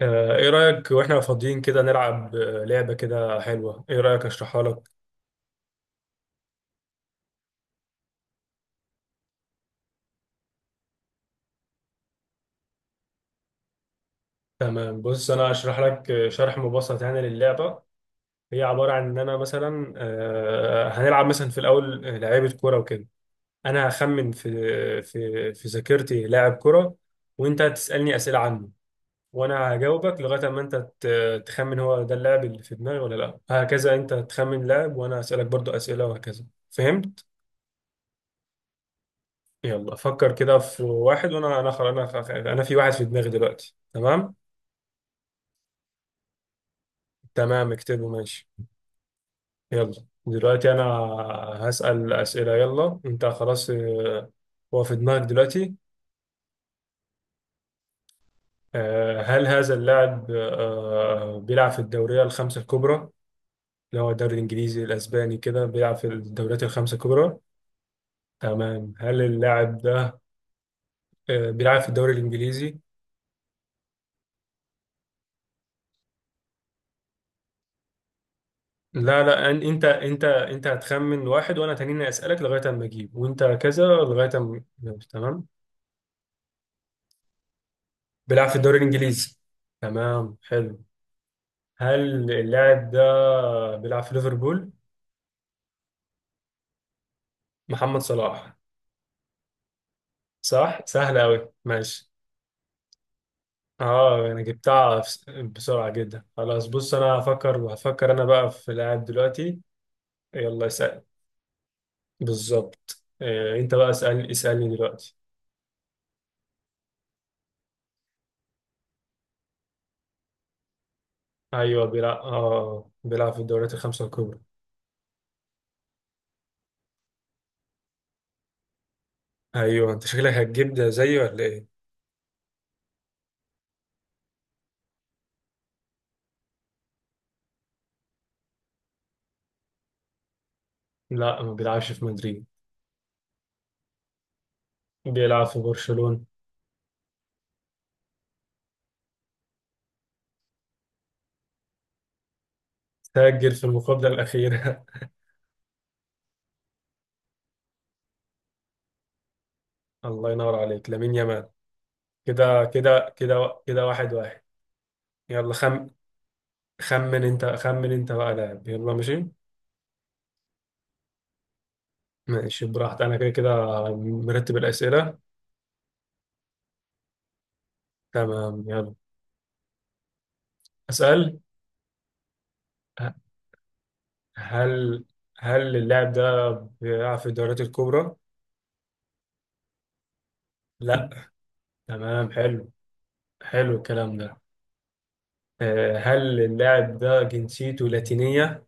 ايه رأيك واحنا فاضيين كده نلعب لعبة كده حلوة؟ ايه رأيك اشرحها لك. تمام، بص انا هشرح لك شرح مبسط يعني للعبة. هي عبارة عن ان انا مثلا هنلعب مثلا في الاول لعيبة كورة وكده. انا هخمن في ذاكرتي لاعب كورة، وانت هتسألني أسئلة عنه، وانا هجاوبك لغاية ما انت تخمن هو ده اللاعب اللي في دماغي ولا لا. هكذا انت تخمن لاعب وانا هسألك برضو أسئلة وهكذا. فهمت؟ يلا فكر كده في واحد، وانا انا خلاص انا انا في واحد في دماغي دلوقتي تمام. تمام، اكتبه ماشي. يلا دلوقتي انا هسأل أسئلة، يلا انت خلاص هو في دماغك دلوقتي. هل هذا اللاعب بيلعب في الدورية الخمسة الكبرى، اللي هو الدوري الانجليزي الاسباني كده، بيلعب في الدوريات الخمسة الكبرى؟ تمام، هل اللاعب ده بيلعب في الدوري الانجليزي؟ لا لا، انت هتخمن واحد وانا تانيين اسالك لغايه اما اجيب، وانت كذا لغايه اما. تمام، بيلعب في الدوري الانجليزي. تمام حلو. هل اللاعب ده بيلعب في ليفربول؟ محمد صلاح. صح، سهل قوي، ماشي. اه انا جبتها بسرعه جدا خلاص. بص انا هفكر انا بقى في لاعب دلوقتي. يلا اسال. بالظبط، انت بقى اسالني دلوقتي. ايوه بيلعب في الدوريات الخمسه الكبرى. ايوه انت شكلك هتجيب ده زيي ولا ايه. لا ما بيلعبش في مدريد. بيلعب في برشلونة. سجل في المقابلة الأخيرة. الله ينور عليك، لامين يامال. كده كده كده كده، واحد واحد. يلا خمن انت، خمن انت بقى لاعب يلا ماشي. ماشي براحتك، انا كده كده مرتب الأسئلة. تمام يلا أسأل. ه- هل هل اللاعب ده بيلعب في الدوريات الكبرى؟ لا. تمام حلو. حلو الكلام ده. هل اللاعب ده جنسيته لاتينية؟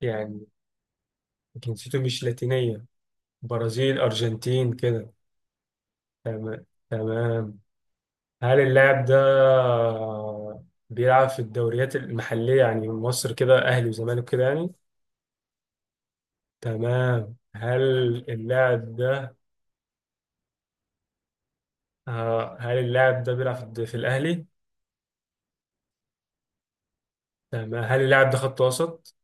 يعني جنسيته مش لاتينية، برازيل أرجنتين كده. تمام تمام. هل اللاعب ده بيلعب في الدوريات المحلية، يعني مصر كده، أهلي وزمالك كده يعني. تمام، اللاعب ده هل اللاعب ده بيلعب في الأهلي؟ تمام، هل اللاعب ده خط وسط؟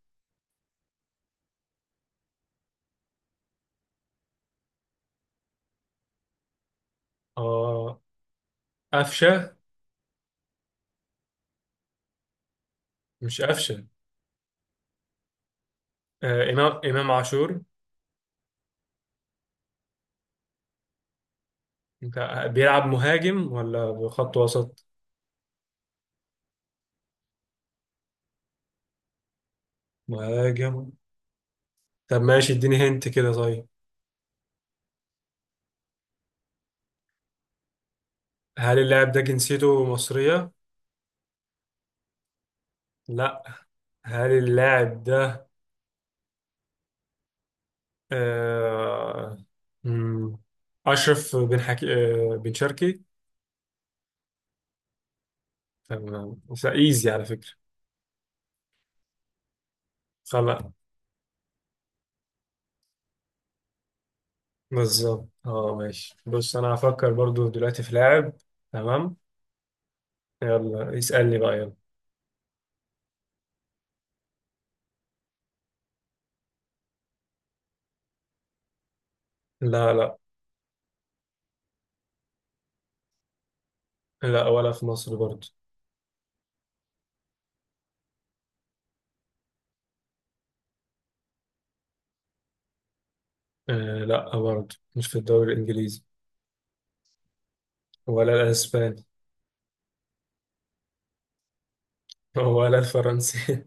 اه، قفشة. مش قفشة. إمام عاشور. أنت، بيلعب مهاجم ولا خط وسط؟ مهاجم. طب ماشي اديني هنت كده طيب. هل اللاعب ده جنسيته مصرية؟ لا. هل اللاعب ده آه... مم، أشرف بن شركي؟ تمام بس ايزي على فكرة. خلاص. بالظبط اه ماشي. بص أنا هفكر برضو دلوقتي في لاعب. تمام يلا اسألني بقى يلا. لا لا لا. ولا في مصر برضو. آه لا برضو، مش في الدوري الإنجليزي. ولا الأسباني. ولا الفرنسي.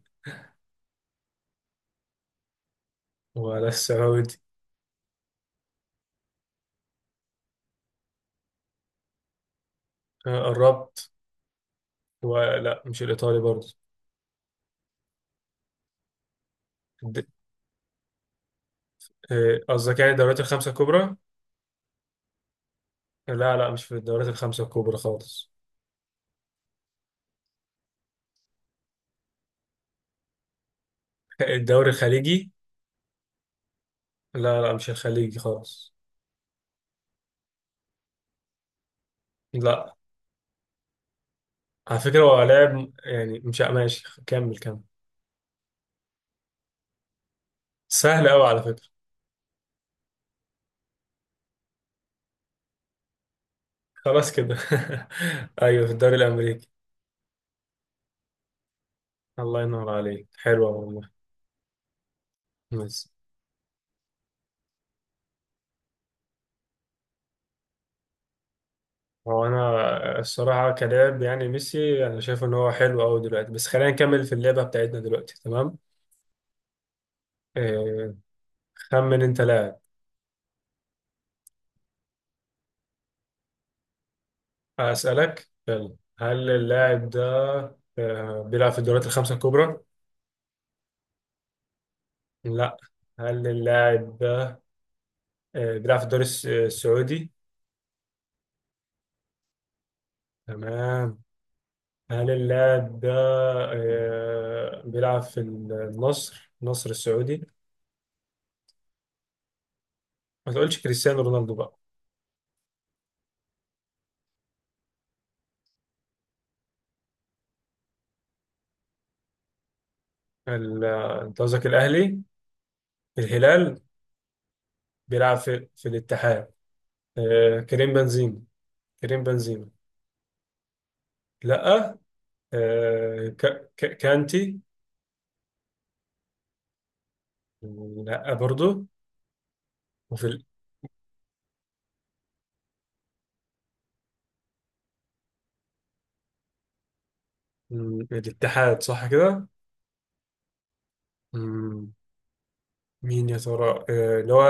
ولا السعودي. قربت. ولا مش الإيطالي برضه. د- قصدك يعني الدوريات الخمسة الكبرى؟ لا لا، مش في الدوريات الخمسة الكبرى خالص. الدوري الخليجي؟ لا لا، مش الخليجي خالص. لا، على فكرة هو لاعب يعني مش ماشي. كمل كمل. سهل أوي على فكرة. خلاص كده. أيوه في الدوري الأمريكي. الله ينور عليك، حلوة والله. بس، هو أنا الصراحة كلاعب يعني ميسي أنا شايف إن هو حلو أوي دلوقتي، بس خلينا نكمل في اللعبة بتاعتنا دلوقتي تمام؟ آه، خمن انت لاعب. اسالك يلا، هل اللاعب ده بيلعب في الدوريات الخمسه الكبرى؟ لا. هل اللاعب ده بيلعب في الدوري السعودي؟ تمام. هل اللاعب ده بيلعب في النصر السعودي؟ ما تقولش كريستيانو رونالدو بقى. انت قصدك الاهلي، الهلال، بيلعب في الاتحاد. كريم بنزيما. كريم بنزيما. لا. كانتي. لا برضو. وفي ال... مم، الاتحاد صح كده؟ مم، مين يا ترى؟ اللي هو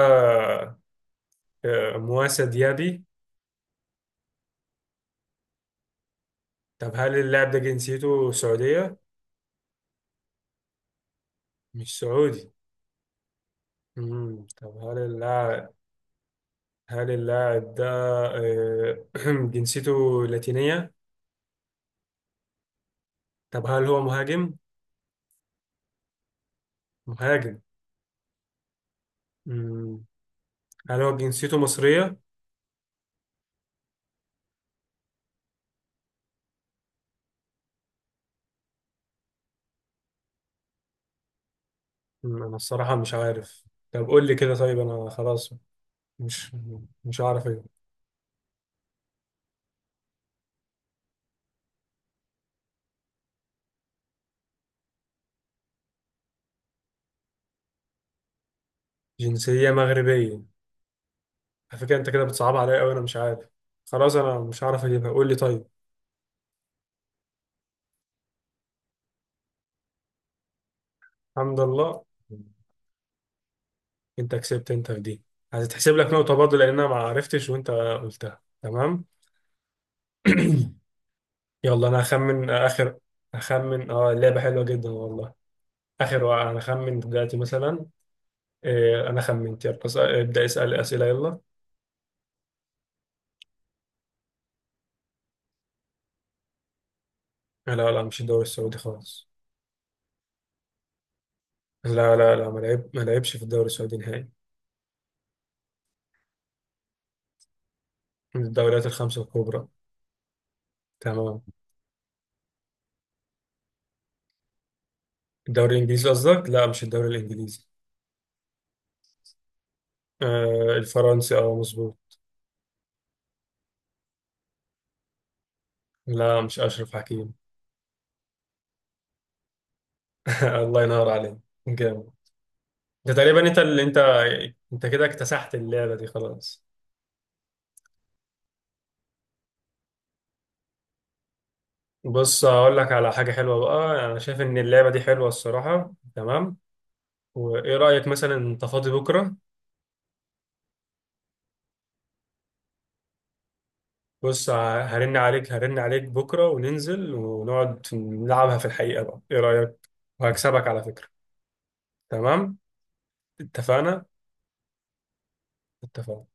مواسى ديابي. طب هل اللاعب ده جنسيته سعودية؟ مش سعودي. طب هل اللاعب ده جنسيته لاتينية؟ طب هل هو مهاجم؟ مهاجم. مم، هل هو جنسيته مصرية؟ أنا الصراحة مش عارف. طب قول لي كده طيب، أنا خلاص مش مش عارف إيه. جنسية مغربية؟ على فكرة انت كده بتصعب عليا قوي، انا مش عارف. خلاص انا مش عارف اجيبها، قول لي طيب. الحمد لله. انت كسبت انت في دي، هتتحسب لك نقطة برضه لان انا ما عرفتش وانت قلتها تمام. يلا انا هخمن اخر. هخمن اه، اللعبة حلوة جدا والله. اخر واحد انا هخمن دلوقتي مثلا. إيه انا خمنت يلا، ابدا اسال اسئلة يلا. لا لا، مش الدوري السعودي خالص. لا لا لا، ما لعبش في الدوري السعودي نهائي. من الدوريات الخمسة الكبرى. تمام. الدوري الانجليزي قصدك؟ لا مش الدوري الانجليزي. آه الفرنسي، اه مظبوط. لا مش اشرف حكيم. الله ينور عليك، جامد. ده تقريبا انت اللي انت كده اكتسحت اللعبه دي خلاص. بص هقول لك على حاجه حلوه بقى، انا شايف ان اللعبه دي حلوه الصراحه تمام. وايه رايك مثلا انت فاضي بكره؟ بص هرن عليك، هرن عليك بكره وننزل ونقعد نلعبها في الحقيقه بقى، ايه رايك؟ وهكسبك على فكره. تمام. اتفقنا اتفقنا.